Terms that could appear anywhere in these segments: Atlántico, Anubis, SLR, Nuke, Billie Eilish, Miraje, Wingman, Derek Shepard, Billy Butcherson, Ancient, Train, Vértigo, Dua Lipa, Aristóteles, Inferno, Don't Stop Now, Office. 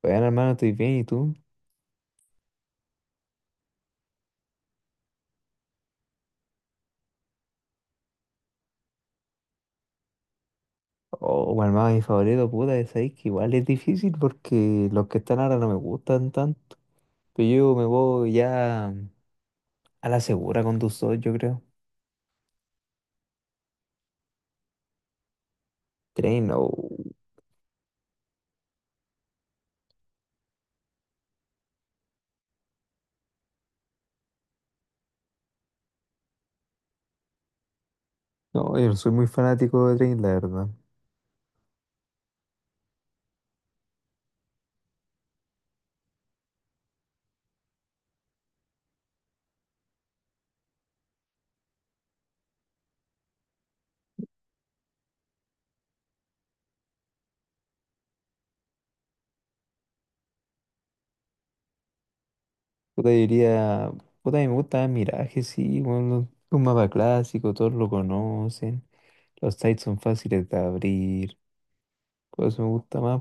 Bueno, hermano, estoy bien, ¿y tú? Oh, hermano, mi favorito, puta, es ahí que igual es difícil porque los que están ahora no me gustan tanto. Pero yo me voy ya a la segura con tus dos, yo creo. Train, oh, no, yo no soy muy fanático de Train, la verdad. Puta, yo diría, puta, a mí me gusta Miraje, sí, bueno, un mapa clásico, todos lo conocen. Los sites son fáciles de abrir, por eso me gusta más.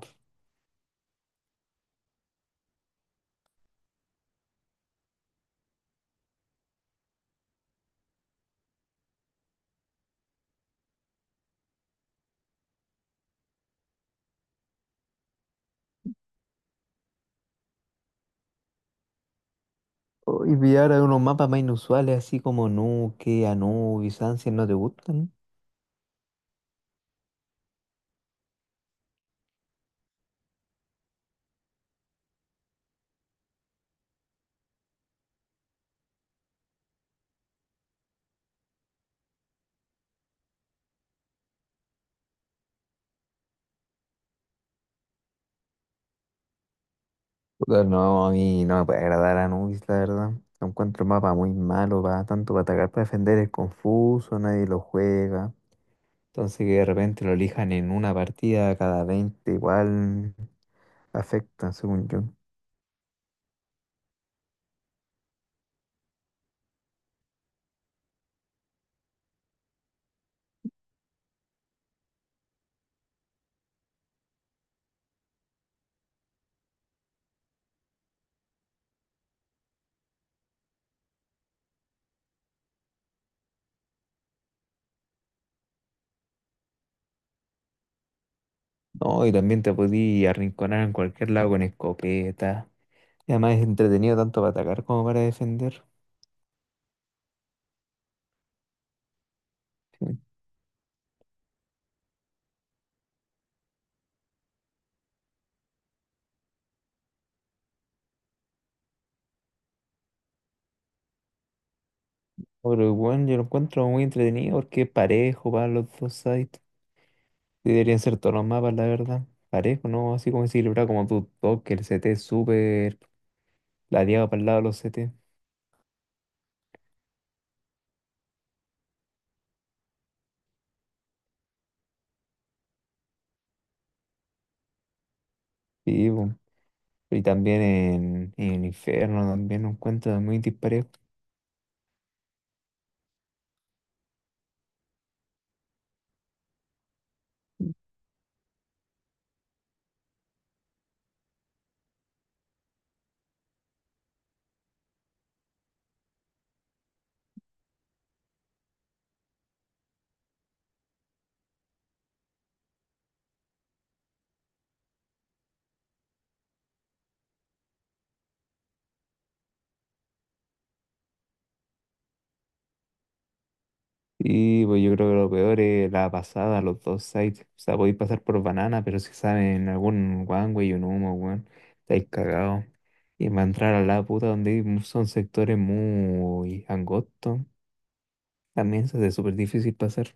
Oh, y pillar unos mapas más inusuales, así como Nuke, Anubis, Ancient, ¿no te gustan? Puta, no, a mí no me puede agradar Anubis, la verdad. Lo encuentro un mapa muy malo, va tanto para atacar, para defender, es confuso, nadie lo juega. Entonces que de repente lo elijan en una partida cada 20 igual afecta, según yo. No, y también te podí arrinconar en cualquier lado con escopeta. Y además es entretenido tanto para atacar como para defender. Sí. Pero bueno, yo lo encuentro muy entretenido porque es parejo para los dos sides. Sí, deberían ser todos los mapas, la verdad. Parejo, ¿no? Así como equilibrado, como tu toque, el CT súper ladeado para el lado de los CT. Sí, po. Y también en Inferno también un cuento muy disparejo. Y pues yo creo que lo peor es la pasada, los dos sites. O sea, podéis pasar por banana, pero si saben algún one way o un humo, weón, estáis cagados. Y va a entrar a la puta donde hay son sectores muy angostos. También se hace súper difícil pasar.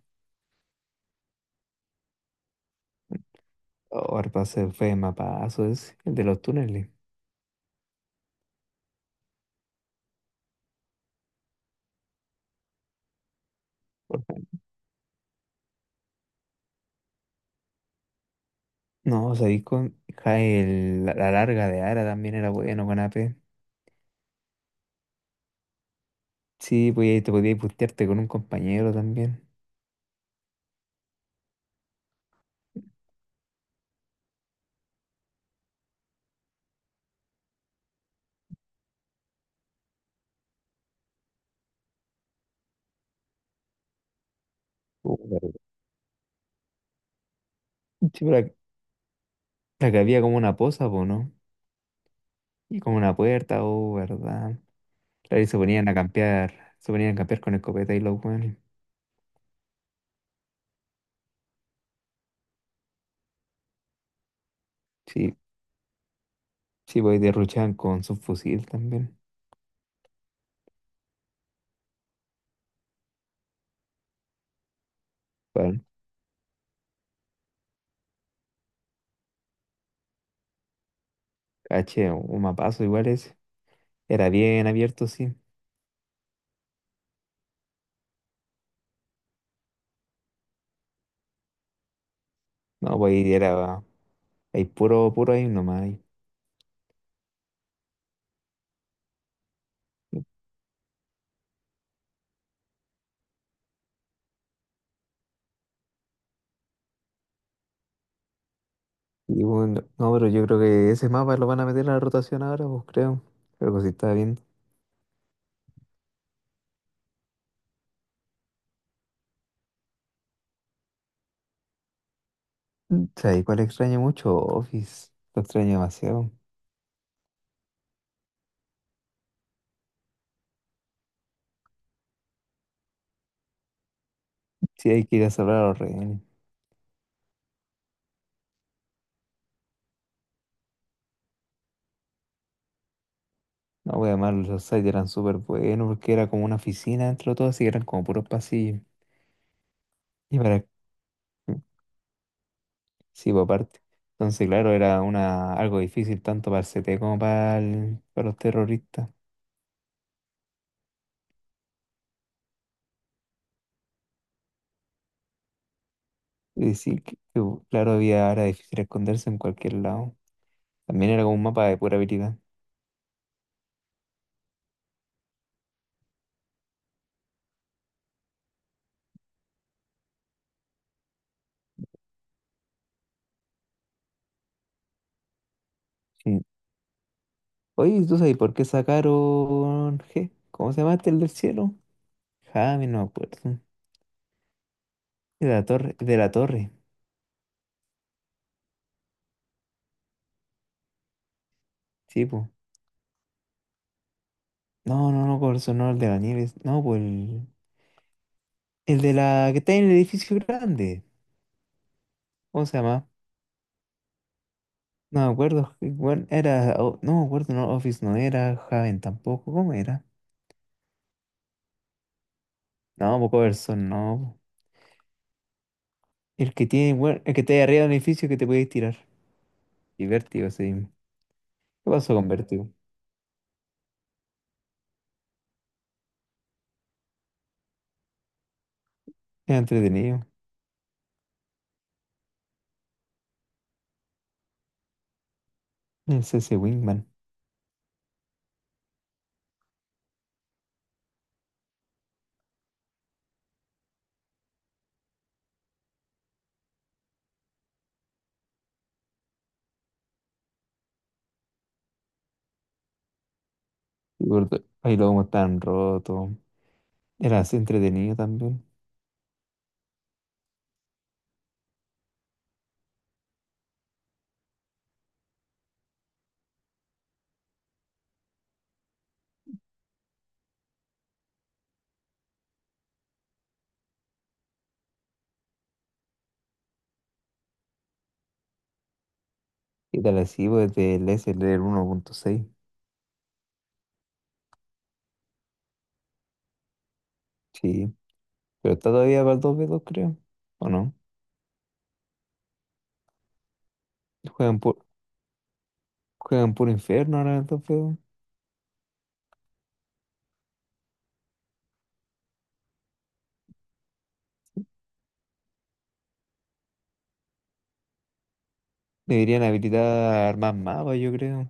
Oh, el pase fue mapazo, es el de los túneles. Por favor. No, o sea, ahí con ja, la larga de Ara también era bueno con AP. Sí, pues ahí te podías putearte con un compañero también. Oh, verdad. Sí, pero la que había como una posa, po, ¿no? Y como una puerta, oh, verdad. Claro, y se ponían a campear, se ponían a campear con escopeta y los weones. Sí, sí, pues ahí derruchaban con su fusil también. Bueno, caché, un mapazo igual ese. Era bien abierto, sí. No, pues ahí era. Hay puro, puro ahí nomás. Ahí. Y bueno, no, pero yo creo que ese mapa lo van a meter a la rotación ahora, pues creo. Creo que sí está bien. ¿Sabes cuál extraño mucho? Office. Lo extraño demasiado. Sí, hay que ir a salvar a los rehenes. No, voy además los sites eran súper buenos porque era como una oficina dentro de todo, así que eran como puros pasillos. Y para... Sí, por aparte. Entonces, claro, era algo difícil tanto para el CT como para, para los terroristas. Y sí, claro, había, era difícil esconderse en cualquier lado. También era como un mapa de pura habilidad. Mm. Oye, ¿tú sabes por qué sacaron G? ¿Cómo se llama este, el del cielo? Jaime, no me acuerdo. De la torre, de la torre. Sí, pues. No, no, no, Corazón, no, el de la nieve. No, pues el de la que está en el edificio grande. ¿Cómo se llama? No me acuerdo. Bueno, era. O- no me acuerdo, no, Office no era. Javen tampoco. ¿Cómo era? No, pues Corazón, no. El que tiene, bueno, el que está ahí arriba del edificio que te puedes tirar. Y Vértigo, sí. ¿Qué pasó con Vértigo? Era entretenido. Es ese Wingman. Y gordo, ay, luego como tan roto. Era así entretenido también. Y tal así, pues del SLR 1.6. Sí. Pero está todavía para el 2v2, creo. ¿O no? Juegan por, juegan por infierno ahora el 2v2. Deberían habilitar más mapas, yo creo.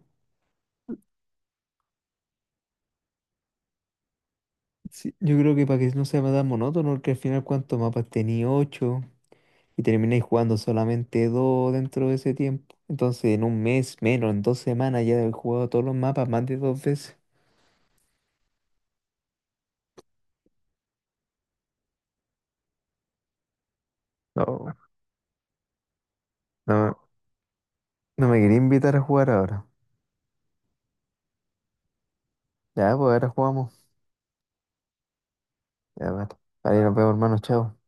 Sí, yo creo que para que no sea tan monótono, porque al final cuántos mapas tenía 8 y termináis jugando solamente 2 dentro de ese tiempo. Entonces en un mes menos, en 2 semanas ya he jugado todos los mapas más de dos veces. No. No, no me quería invitar a jugar ahora. Ya, pues ahora jugamos. Ya, vale. Vale, nos vemos, hermano. Chao.